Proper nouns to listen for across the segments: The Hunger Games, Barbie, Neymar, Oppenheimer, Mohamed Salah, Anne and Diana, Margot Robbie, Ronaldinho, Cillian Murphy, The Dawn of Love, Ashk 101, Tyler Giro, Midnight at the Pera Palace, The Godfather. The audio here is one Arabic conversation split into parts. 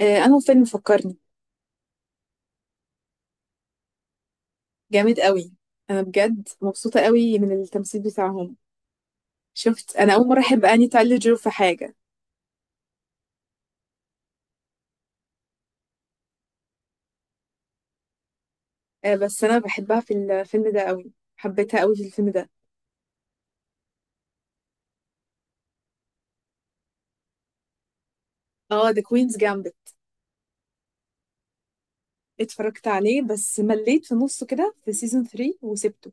أنه فيلم فكرني جامد قوي. أنا بجد مبسوطة قوي من التمثيل بتاعهم. شفت، أنا أول مرة أحب أني تايلر جيرو في حاجة. بس أنا بحبها في الفيلم ده قوي، حبيتها قوي في الفيلم ده. اه، ذا كوينز جامبت اتفرجت عليه، بس مليت في نصه كده في سيزون 3 وسبته.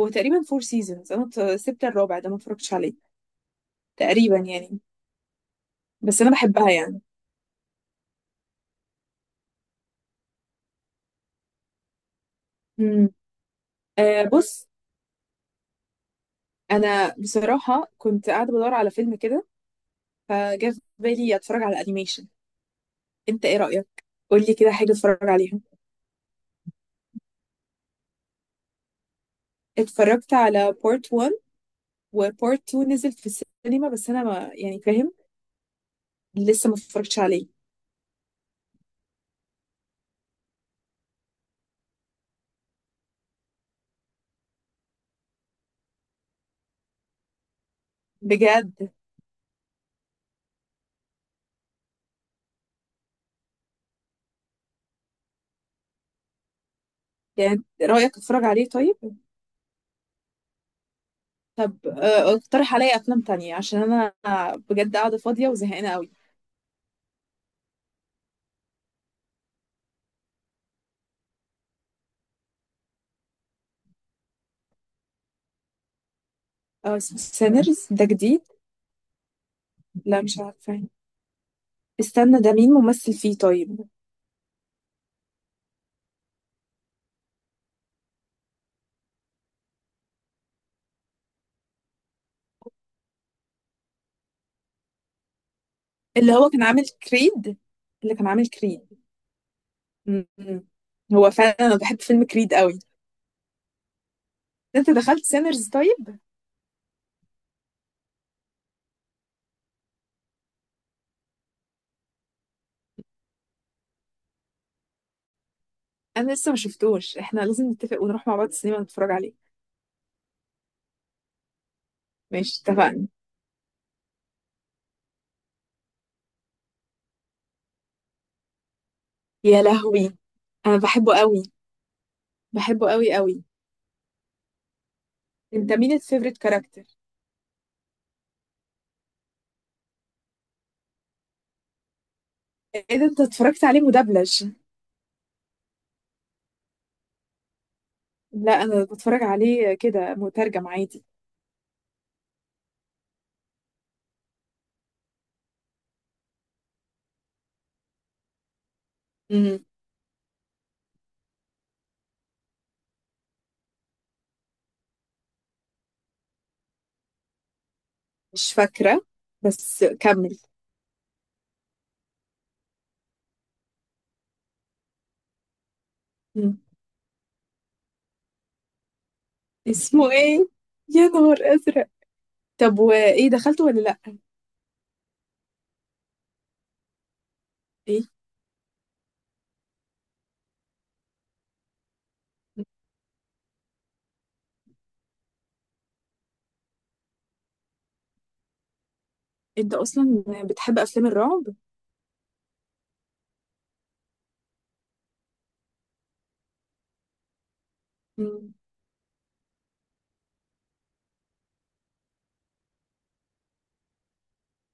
هو تقريبا فور سيزونز، أنا سبت الرابع ده ما اتفرجتش عليه تقريبا، يعني. بس أنا بحبها يعني. مم. بص، أنا بصراحة كنت قاعدة بدور على فيلم كده، فجاء في بالي أتفرج على أنيميشن. انت ايه رأيك؟ قولي كده حاجة اتفرج عليها. اتفرجت على بارت 1 وبارت 2 نزل في السينما، بس انا ما يعني فاهم، لسه ما اتفرجتش عليه. بجد يعني رأيك اتفرج عليه؟ طيب. طب اقترح عليا افلام تانية، عشان انا بجد قاعدة فاضية وزهقانة قوي. اه اسمه سينرز، ده جديد؟ لا مش عارفة، استنى، ده مين ممثل فيه طيب؟ اللي هو كان عامل كريد، اللي كان عامل كريد. م. هو فعلا انا بحب فيلم كريد قوي. انت دخلت سينرز طيب؟ انا لسه ما شفتوش، احنا لازم نتفق ونروح مع بعض السينما نتفرج عليه. ماشي، اتفقنا. يا لهوي، انا بحبه قوي، بحبه قوي قوي. انت مين الفيفوريت كاركتر؟ ايه ده، انت اتفرجت عليه مدبلج؟ لا انا بتفرج عليه كده مترجم عادي. امم، مش فاكره، بس كمل. مم. اسمه ايه؟ يا نهار ازرق. طب وايه، دخلته ولا لا؟ ايه. انت اصلا بتحب افلام الرعب؟ مم.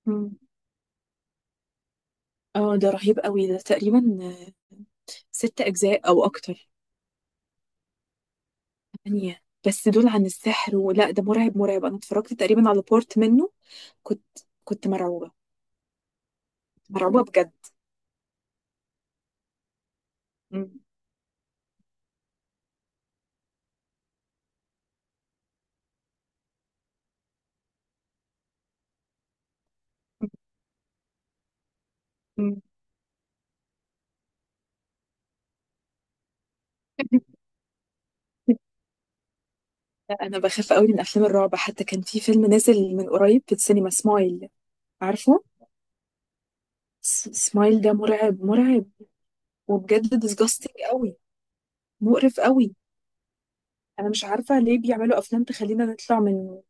مم. اه ده رهيب قوي، ده تقريبا ست أجزاء أو أكتر. تمانية؟ بس دول عن السحر، ولا ده مرعب مرعب؟ أنا اتفرجت تقريبا على بورت منه، كنت كنت مرعوبة، مرعوبة بجد. مم. مم. لا، أنا بخاف قوي من أفلام الرعب. حتى كان في فيلم نازل من قريب في السينما، سمايل، عارفه؟ سمايل ده مرعب مرعب، وبجد ديسجاستنج قوي، مقرف قوي. أنا مش عارفة ليه بيعملوا أفلام تخلينا نطلع من،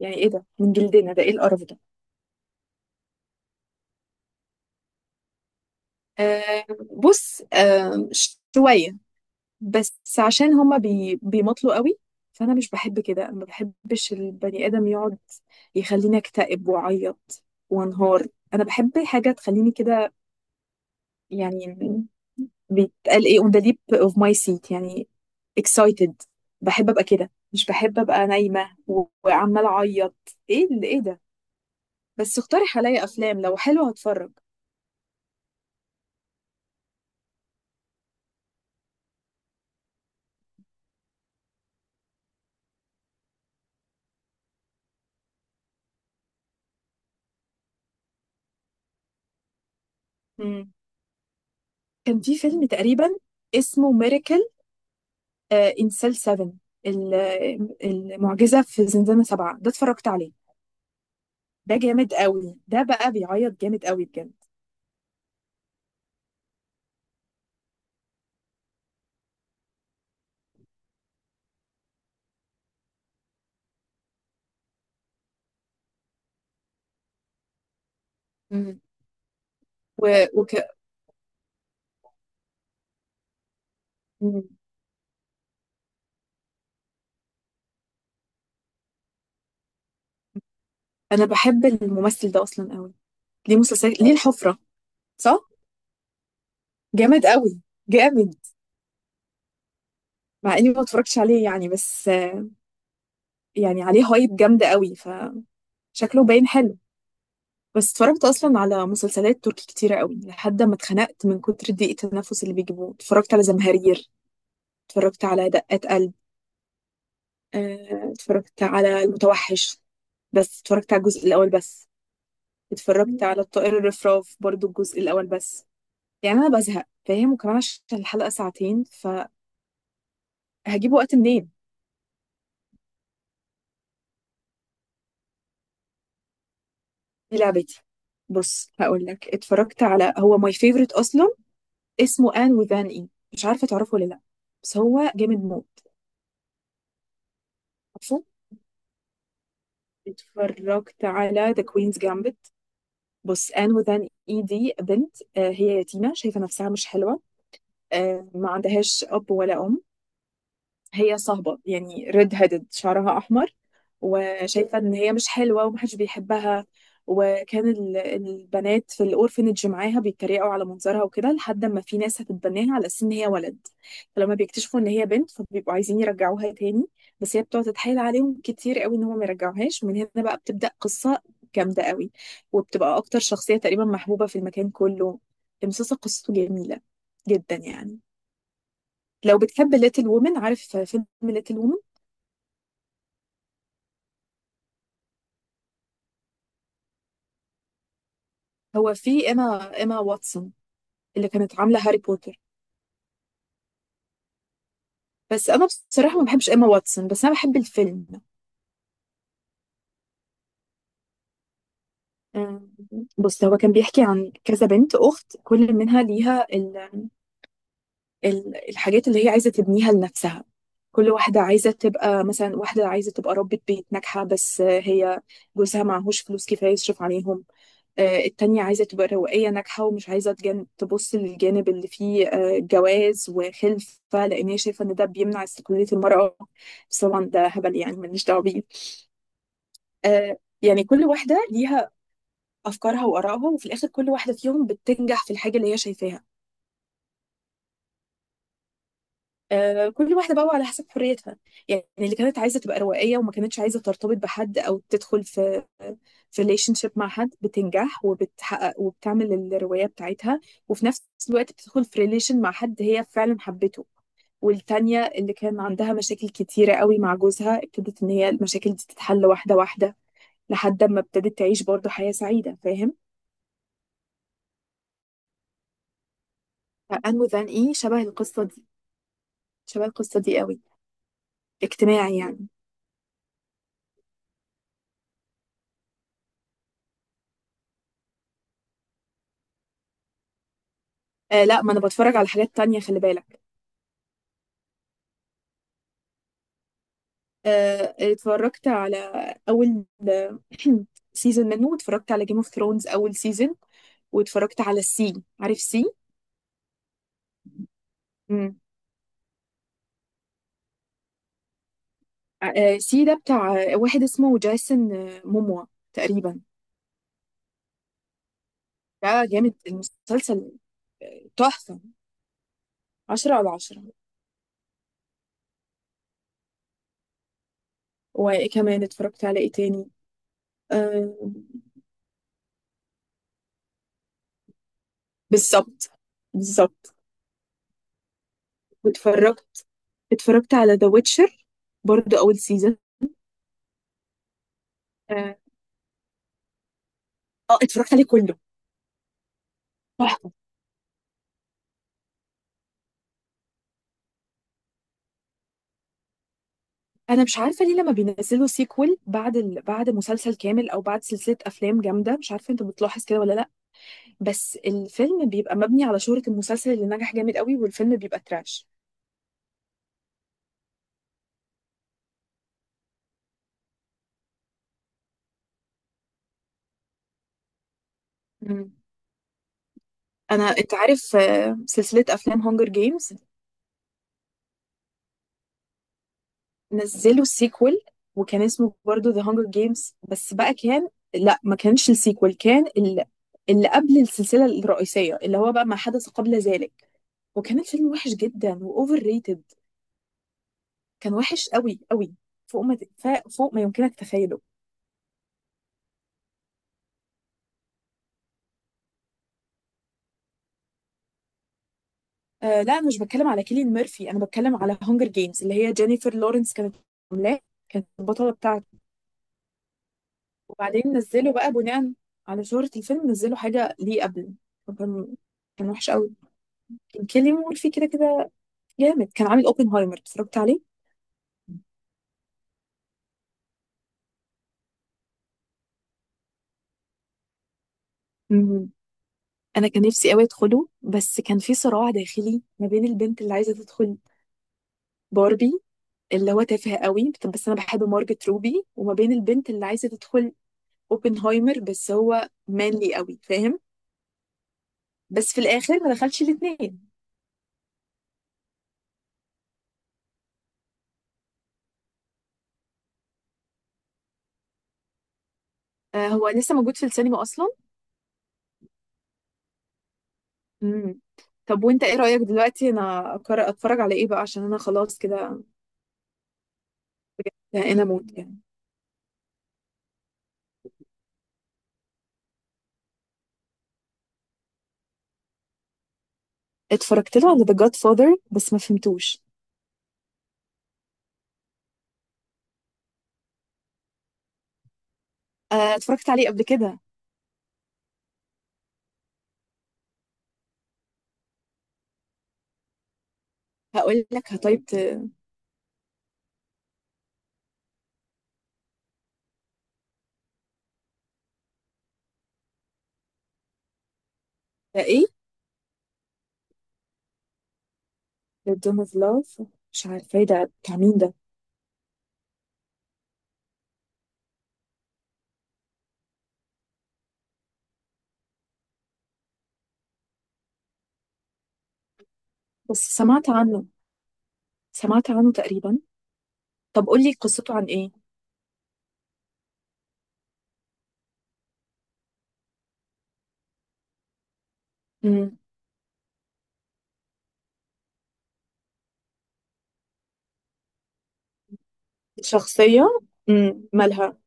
يعني إيه ده، من جلدنا؟ ده إيه القرف ده؟ آه، بص، شوية، بس عشان هما بيمطلوا قوي. فأنا مش بحب كده، أنا ما بحبش البني آدم يقعد يخليني أكتئب وأعيط وأنهار. أنا بحب حاجة تخليني كده، يعني، بيتقال إيه، on the lip of my seat، يعني excited. بحب أبقى كده، مش بحب أبقى نايمة وعمالة أعيط. إيه اللي، إيه ده. بس اقترح عليا أفلام لو حلوة هتفرج. مم. كان في فيلم تقريبا اسمه Miracle، انسل 7، ال- المعجزة في زنزانة سبعة، ده اتفرجت عليه. ده جامد قوي ده، بقى بيعيط جامد قوي بجد. مم. و... وك... مم. انا بحب الممثل ده اصلا قوي، ليه مسلسلات، ليه الحفرة، صح؟ جامد قوي، جامد، مع اني ما اتفرجتش عليه يعني، بس يعني عليه هايب جامدة قوي فشكله باين حلو. بس اتفرجت اصلا على مسلسلات تركي كتيرة قوي لحد ما اتخنقت من كتر ضيق التنفس اللي بيجيبوه. اتفرجت على زمهرير، اتفرجت على دقات، اتفرجت على المتوحش بس اتفرجت على الجزء الأول بس. اتفرجت على الطائر الرفراف برضو الجزء الأول بس. يعني أنا بزهق فاهم، وكمان عشان الحلقة ساعتين فهجيب وقت منين. دي لعبتي. بص هقول لك، اتفرجت على، هو ماي فيفورت أصلا، اسمه آن وذان إي، مش عارفة تعرفه ولا لأ، بس هو جامد موت. عارفه؟ اتفرجت على ذا كوينز جامبت. بص، آن وذان إي دي بنت، هي يتيمة شايفة نفسها مش حلوة، ما عندهاش أب ولا أم، هي صهبة يعني ريد هيدد، شعرها أحمر، وشايفة إن هي مش حلوة ومحدش بيحبها. وكان البنات في الأورفنج معاها بيتريقوا على منظرها وكده، لحد ما في ناس هتتبناها على أساس إن هي ولد. فلما بيكتشفوا إن هي بنت فبيبقوا عايزين يرجعوها تاني، بس هي بتقعد تتحايل عليهم كتير قوي إن هم ما يرجعوهاش. ومن هنا بقى بتبدأ قصة جامدة قوي، وبتبقى أكتر شخصية تقريبا محبوبة في المكان كله. المسلسل قصته جميلة جدا يعني. لو بتحب ليتل وومن، عارف فيلم ليتل وومن؟ هو في ايما واتسون، اللي كانت عامله هاري بوتر. بس انا بصراحه ما بحبش ايما واتسون، بس انا بحب الفيلم. أم، بص هو كان بيحكي عن كذا بنت اخت، كل منها ليها الحاجات اللي هي عايزه تبنيها لنفسها. كل واحده عايزه تبقى، مثلا واحده عايزه تبقى ربة بيت ناجحه بس هي جوزها معهوش فلوس كفايه يصرف عليهم. التانية عايزة تبقى روائية ناجحة ومش عايزة تبص للجانب اللي فيه جواز وخلفة، لأن هي شايفة إن ده بيمنع استقلالية المرأة. بس طبعا ده هبل، يعني ملناش دعوة بيه. يعني كل واحدة ليها أفكارها وآرائها، وفي الآخر كل واحدة فيهم بتنجح في الحاجة اللي هي شايفاها، كل واحدة بقى على حسب حريتها. يعني اللي كانت عايزة تبقى روائية وما كانتش عايزة ترتبط بحد أو تدخل في في ريليشن شيب مع حد، بتنجح وبتحقق وبتعمل الرواية بتاعتها، وفي نفس الوقت بتدخل في ريليشن مع حد هي فعلا حبته. والتانية اللي كان عندها مشاكل كتيرة قوي مع جوزها، ابتدت إن هي المشاكل دي تتحل واحدة واحدة، لحد ما ابتدت تعيش برضه حياة سعيدة، فاهم؟ فأنمو ذان إيه شبه القصة دي، شبه القصة دي قوي، اجتماعي يعني. آه لا، ما أنا بتفرج على حاجات تانية، خلي بالك. اتفرجت على اول سيزون منه، واتفرجت على جيم اوف ثرونز اول سيزون، واتفرجت على السي، عارف سي؟ امم، سي ده بتاع واحد اسمه جايسون موموا تقريبا. ده جامد المسلسل، تحفة، عشرة على عشرة. وكمان اتفرجت على ايه تاني، آه، بالظبط بالظبط. واتفرجت اتفرجت على ذا ويتشر برضو اول سيزون. اه، اتفرجت عليه كله. انا مش عارفه ليه لما بينزلوا سيكول بعد بعد مسلسل كامل او بعد سلسله افلام جامده، مش عارفه، انت بتلاحظ كده ولا لا؟ بس الفيلم بيبقى مبني على شهره المسلسل اللي نجح جامد قوي، والفيلم بيبقى تراش. مم. انت عارف سلسله افلام هونجر جيمز؟ نزلوا سيكول، وكان اسمه برضو ذا هونجر جيمز بس بقى، كان، لا ما كانش السيكول، كان اللي قبل السلسله الرئيسيه، اللي هو بقى ما حدث قبل ذلك. وكان الفيلم وحش جدا واوفر ريتد، كان وحش قوي قوي، فوق ما ف- فوق ما يمكنك تخيله. آه لا انا مش بتكلم على كيليان ميرفي، انا بتكلم على هونجر جيمز اللي هي جينيفر لورنس كانت عاملاه، كانت البطله بتاعته. وبعدين نزلوا بقى بناء على شهرة الفيلم، نزلوا حاجه ليه قبل، فكان، كان وحش قوي. كان كيليان ميرفي كده كده جامد، كان عامل اوبنهايمر، اتفرجت عليه. مم. انا كان نفسي قوي ادخله، بس كان في صراع داخلي ما بين البنت اللي عايزه تدخل باربي، اللي هو تافه قوي بس انا بحب مارجت روبي، وما بين البنت اللي عايزه تدخل اوبنهايمر، بس هو مانلي قوي فاهم. بس في الاخر ما دخلش الاثنين. آه، هو لسه موجود في السينما اصلا؟ امم. طب وانت ايه رايك دلوقتي، انا اتفرج على ايه بقى عشان انا خلاص كده بجد انا موت يعني. اتفرجت له على ذا جاد فاذر بس ما فهمتوش. آه، اتفرجت عليه قبل كده. هقول لك هتايبت. ده ايه؟ ذا دون اوف لاف، مش عارفه إيه ده، بتاع مين ده؟ بس سمعت عنه، سمعت عنه تقريبا. طب قولي قصته عن ايه؟ امم. شخصية، امم، مالها؟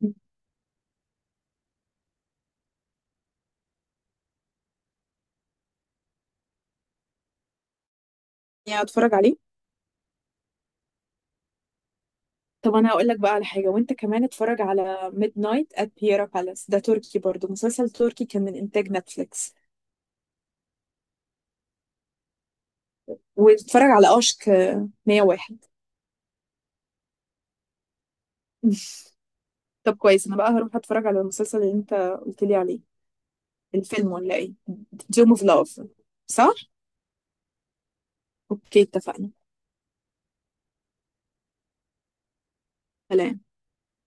مم. يعني اتفرج عليه. طب انا هقول لك بقى على حاجة، وانت كمان اتفرج على ميد نايت ات بيرا بالاس، ده تركي برضو، مسلسل تركي كان من انتاج نتفليكس. واتفرج على اشك 101. طب كويس، انا بقى هروح اتفرج على المسلسل اللي انت قلت لي عليه، الفيلم ولا ايه؟ دوم اوف لاف، صح. اوكي، اتفقنا. سلام.